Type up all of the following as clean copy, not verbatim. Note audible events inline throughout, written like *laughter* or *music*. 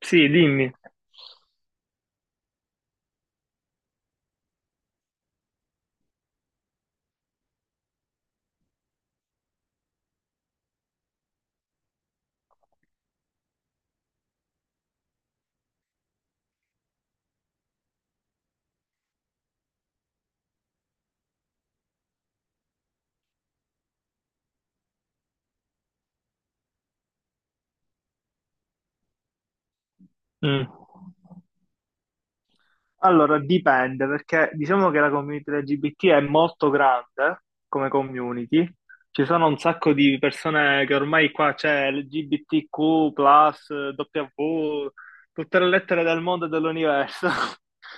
Sì, dimmi. Mm. Allora, dipende, perché diciamo che la community LGBT è molto grande come community. Ci sono un sacco di persone che ormai qua c'è LGBTQ, W, tutte le lettere del mondo e dell'universo. *laughs*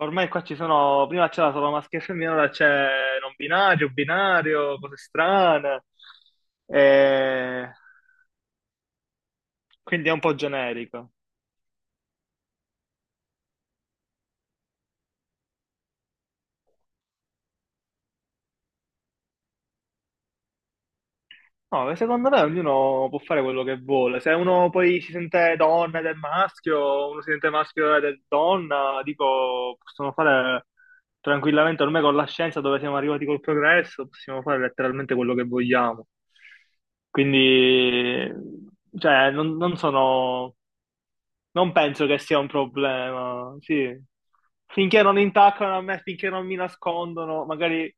Ormai qua ci sono, prima c'era solo maschio e femmina, ora c'è non binario, binario, cose strane. E quindi è un po' generico. No, secondo me ognuno può fare quello che vuole. Se uno poi si sente donna ed è maschio, uno si sente maschio ed è donna, dico, possono fare tranquillamente, ormai con la scienza dove siamo arrivati col progresso, possiamo fare letteralmente quello che vogliamo. Quindi, cioè, non sono, non penso che sia un problema, sì. Finché non intaccano a me, finché non mi nascondono, magari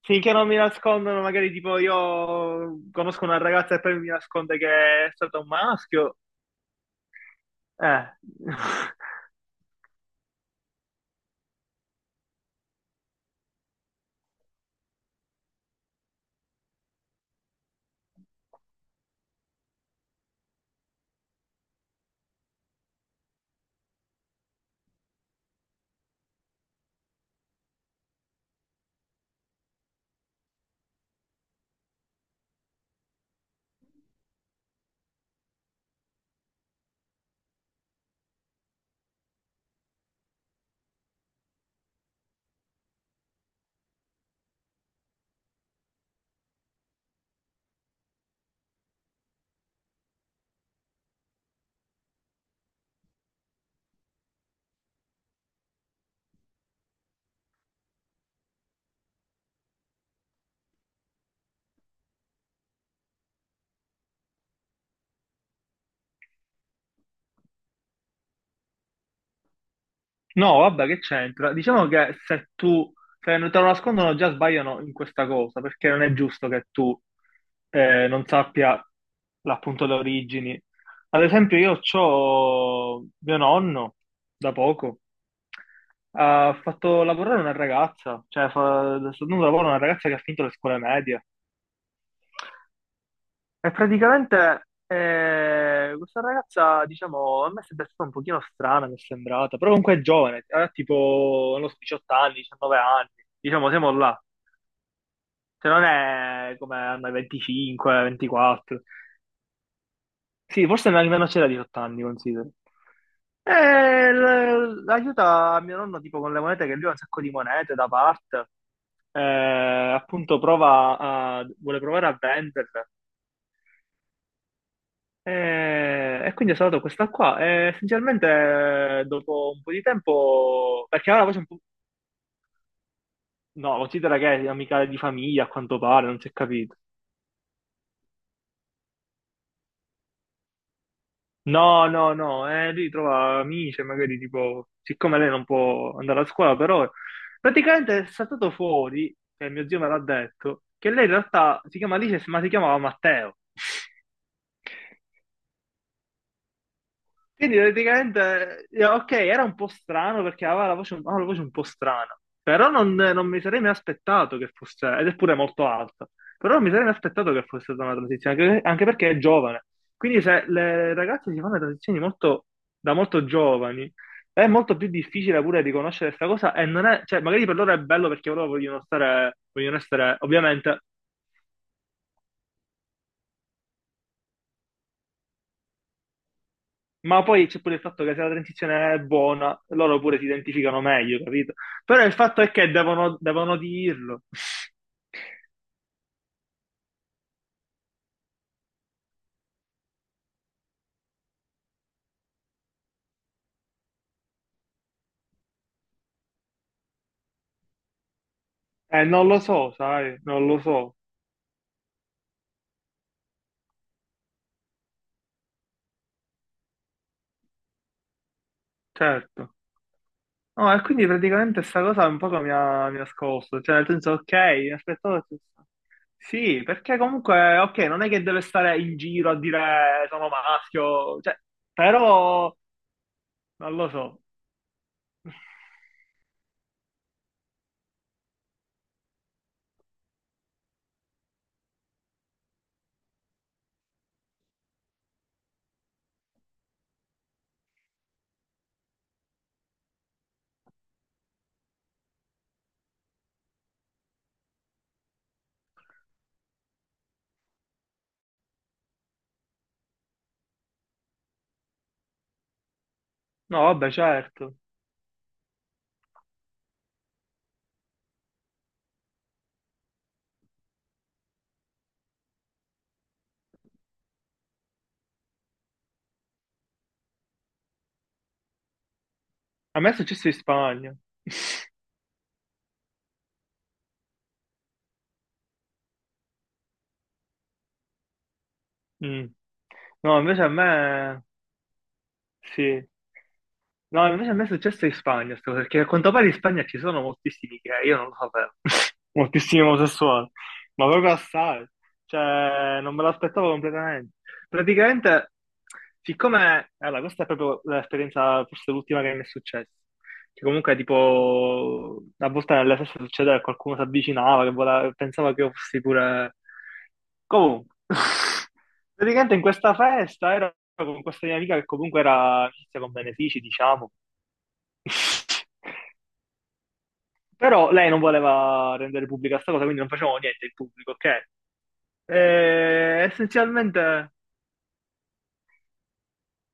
sì, che non mi nascondono, magari tipo io conosco una ragazza e poi mi nasconde che è stato un maschio. Eh. *laughs* No, vabbè, che c'entra? Diciamo che se tu, se non te lo nascondono già sbagliano in questa cosa, perché non è giusto che tu non sappia appunto le origini. Ad esempio, io c'ho mio nonno, da poco, ha fatto lavorare una ragazza, cioè sta dando lavoro a una ragazza che ha finito le scuole medie. E praticamente questa ragazza, diciamo, a me sembra stata un pochino strana, mi è sembrata, però comunque è giovane, ha tipo, non lo so, 18 anni, 19 anni, diciamo, siamo là. Se non è come hanno 25, 24. Sì, forse nemmeno c'era 18 anni, considero. E aiuta mio nonno tipo con le monete, che lui ha un sacco di monete da parte. Eh, appunto prova a, vuole provare a venderle. E quindi ho salvato questa qua. E essenzialmente dopo un po' di tempo, perché aveva la voce un po'... No, considera che è amica di famiglia, a quanto pare, non si è capito. No, no, no, lui trova amici, e magari tipo, siccome lei non può andare a scuola per ora, praticamente è saltato fuori, e mio zio me l'ha detto, che lei in realtà si chiama Alice, ma si chiamava Matteo. Quindi praticamente, ok, era un po' strano perché aveva la voce un po' strana, però non, non mi sarei mai aspettato che fosse, ed è pure molto alta, però non mi sarei mai aspettato che fosse stata una transizione, anche, anche perché è giovane. Quindi se le ragazze si fanno le transizioni molto, da molto giovani, è molto più difficile pure riconoscere questa cosa e non è, cioè magari per loro è bello perché loro vogliono stare, vogliono essere, ovviamente. Ma poi c'è pure il fatto che se la transizione è buona, loro pure si identificano meglio, capito? Però il fatto è che devono, devono dirlo. Non lo so, sai, non lo so, certo. No, e quindi praticamente sta cosa un po' mi ha scosso, cioè nel senso, ok, mi aspettavo... Sì, perché comunque, ok, non è che deve stare in giro a dire sono maschio, cioè, però non lo so. No, vabbè, certo. A me è successo in Spagna. Mm. No, invece a me sì. No, invece a me è successo in Spagna, perché a quanto pare in Spagna ci sono moltissimi gay, io non lo sapevo. *laughs* Moltissimi omosessuali, ma proprio assai. Cioè, non me l'aspettavo completamente. Praticamente, siccome, allora, questa è proprio l'esperienza, forse l'ultima che mi è successa. Che comunque tipo a volte nella stessa succedeva che qualcuno si avvicinava, che pensava che io fossi pure... Comunque, *laughs* praticamente in questa festa ero con questa mia amica che comunque era amicizia con benefici, diciamo. *laughs* Però lei non voleva rendere pubblica questa cosa, quindi non facevamo niente in pubblico, ok? E, essenzialmente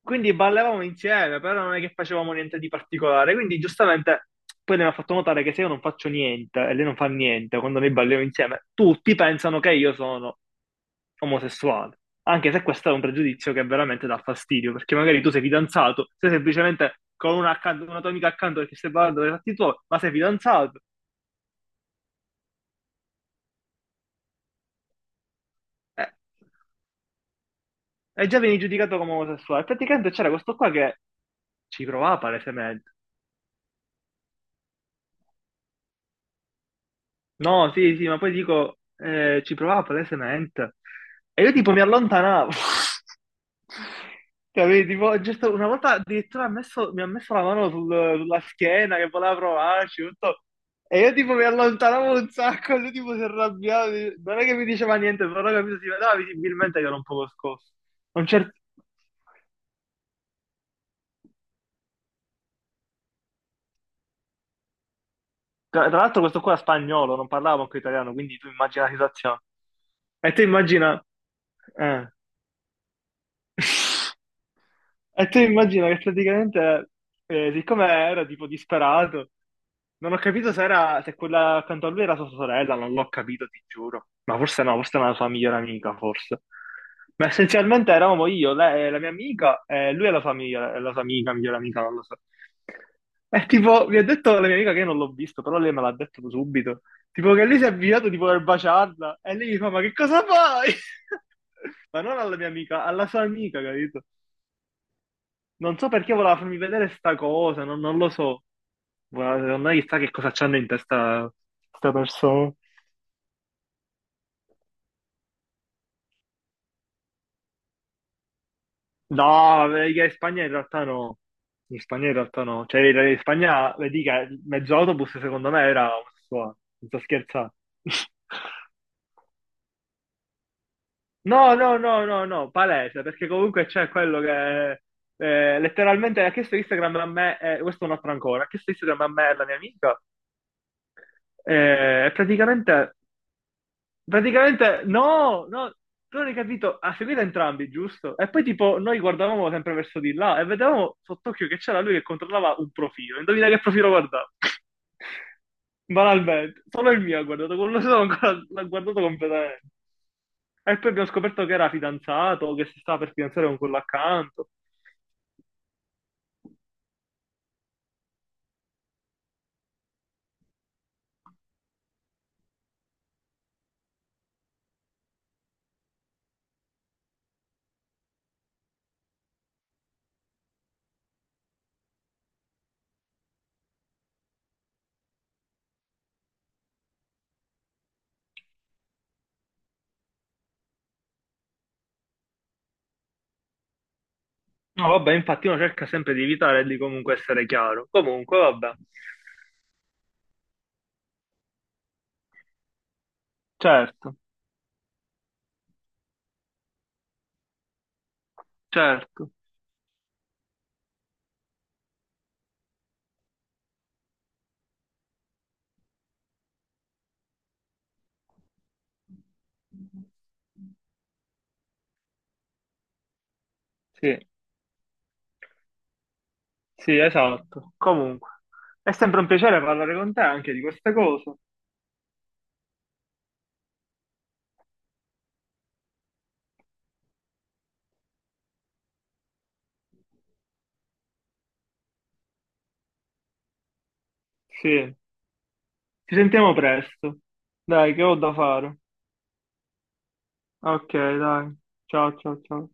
quindi ballavamo insieme, però non è che facevamo niente di particolare. Quindi giustamente poi lei mi ha fatto notare che se io non faccio niente e lei non fa niente quando noi balliamo insieme, tutti pensano che io sono omosessuale. Anche se questo è un pregiudizio che veramente dà fastidio, perché magari tu sei fidanzato, sei semplicemente con una, accanto, una tua amica accanto perché stai ballando per i fatti tuoi, ma sei fidanzato. Eh, e già vieni giudicato come omosessuale. Praticamente c'era questo qua che ci provava palesemente. No, sì, sì, ma poi dico, ci provava palesemente. E io tipo mi allontanavo. *laughs* Capito? Tipo, giusto una volta addirittura mi ha messo la mano sulla schiena che voleva provarci, tutto. E io tipo mi allontanavo un sacco, e lui tipo si arrabbiava, non è che mi diceva niente, però capito, si vedeva visibilmente che era un poco scosso. Non c'è- Tra l'altro questo qua era spagnolo, non parlava manco italiano, quindi tu immagina la situazione. E tu immagina... eh. E tu immagina che praticamente, siccome era tipo disperato, non ho capito se era, se quella accanto a lui era sua sorella, non l'ho capito, ti giuro. Ma forse no, forse era la sua migliore amica, forse. Ma essenzialmente eravamo io, lei, la mia amica, e lui e la sua amica, migliore amica, non lo so. E tipo, mi ha detto la mia amica che io non l'ho visto, però lei me l'ha detto subito. Tipo che lei si è avvicinato di voler baciarla, e lei mi fa, ma che cosa fai? *laughs* Ma non alla mia amica, alla sua amica, capito? Non so perché voleva farmi vedere sta cosa, non, non lo so. Guarda, secondo me chissà che cosa c'hanno in testa sta persona. No, vabbè, che in Spagna in realtà no. In Spagna in realtà no. Cioè, in Spagna, vedi che mezzo autobus secondo me era omosessuale. Non sto scherzando. *laughs* No, no, no, no, no, palese, perché comunque c'è quello che letteralmente ha chiesto Instagram a me, questo è un altro ancora, ha chiesto Instagram a me e alla mia amica, e praticamente praticamente, no, no, tu non hai capito, ha seguito entrambi, giusto? E poi tipo noi guardavamo sempre verso di là e vedevamo sott'occhio che c'era lui che controllava un profilo. Indovina che profilo guardava? *laughs* Banalmente, solo il mio ha guardato, quello solo ancora l'ha guardato completamente. E poi abbiamo scoperto che era fidanzato, o che si stava per fidanzare con quello accanto. No, vabbè, infatti uno cerca sempre di evitare di comunque essere chiaro. Comunque, vabbè. Certo, certo. Sì. Sì, esatto. Comunque, è sempre un piacere parlare con te anche di queste cose. Sì, ci sentiamo presto. Dai, che ho da fare? Ok, dai. Ciao, ciao, ciao.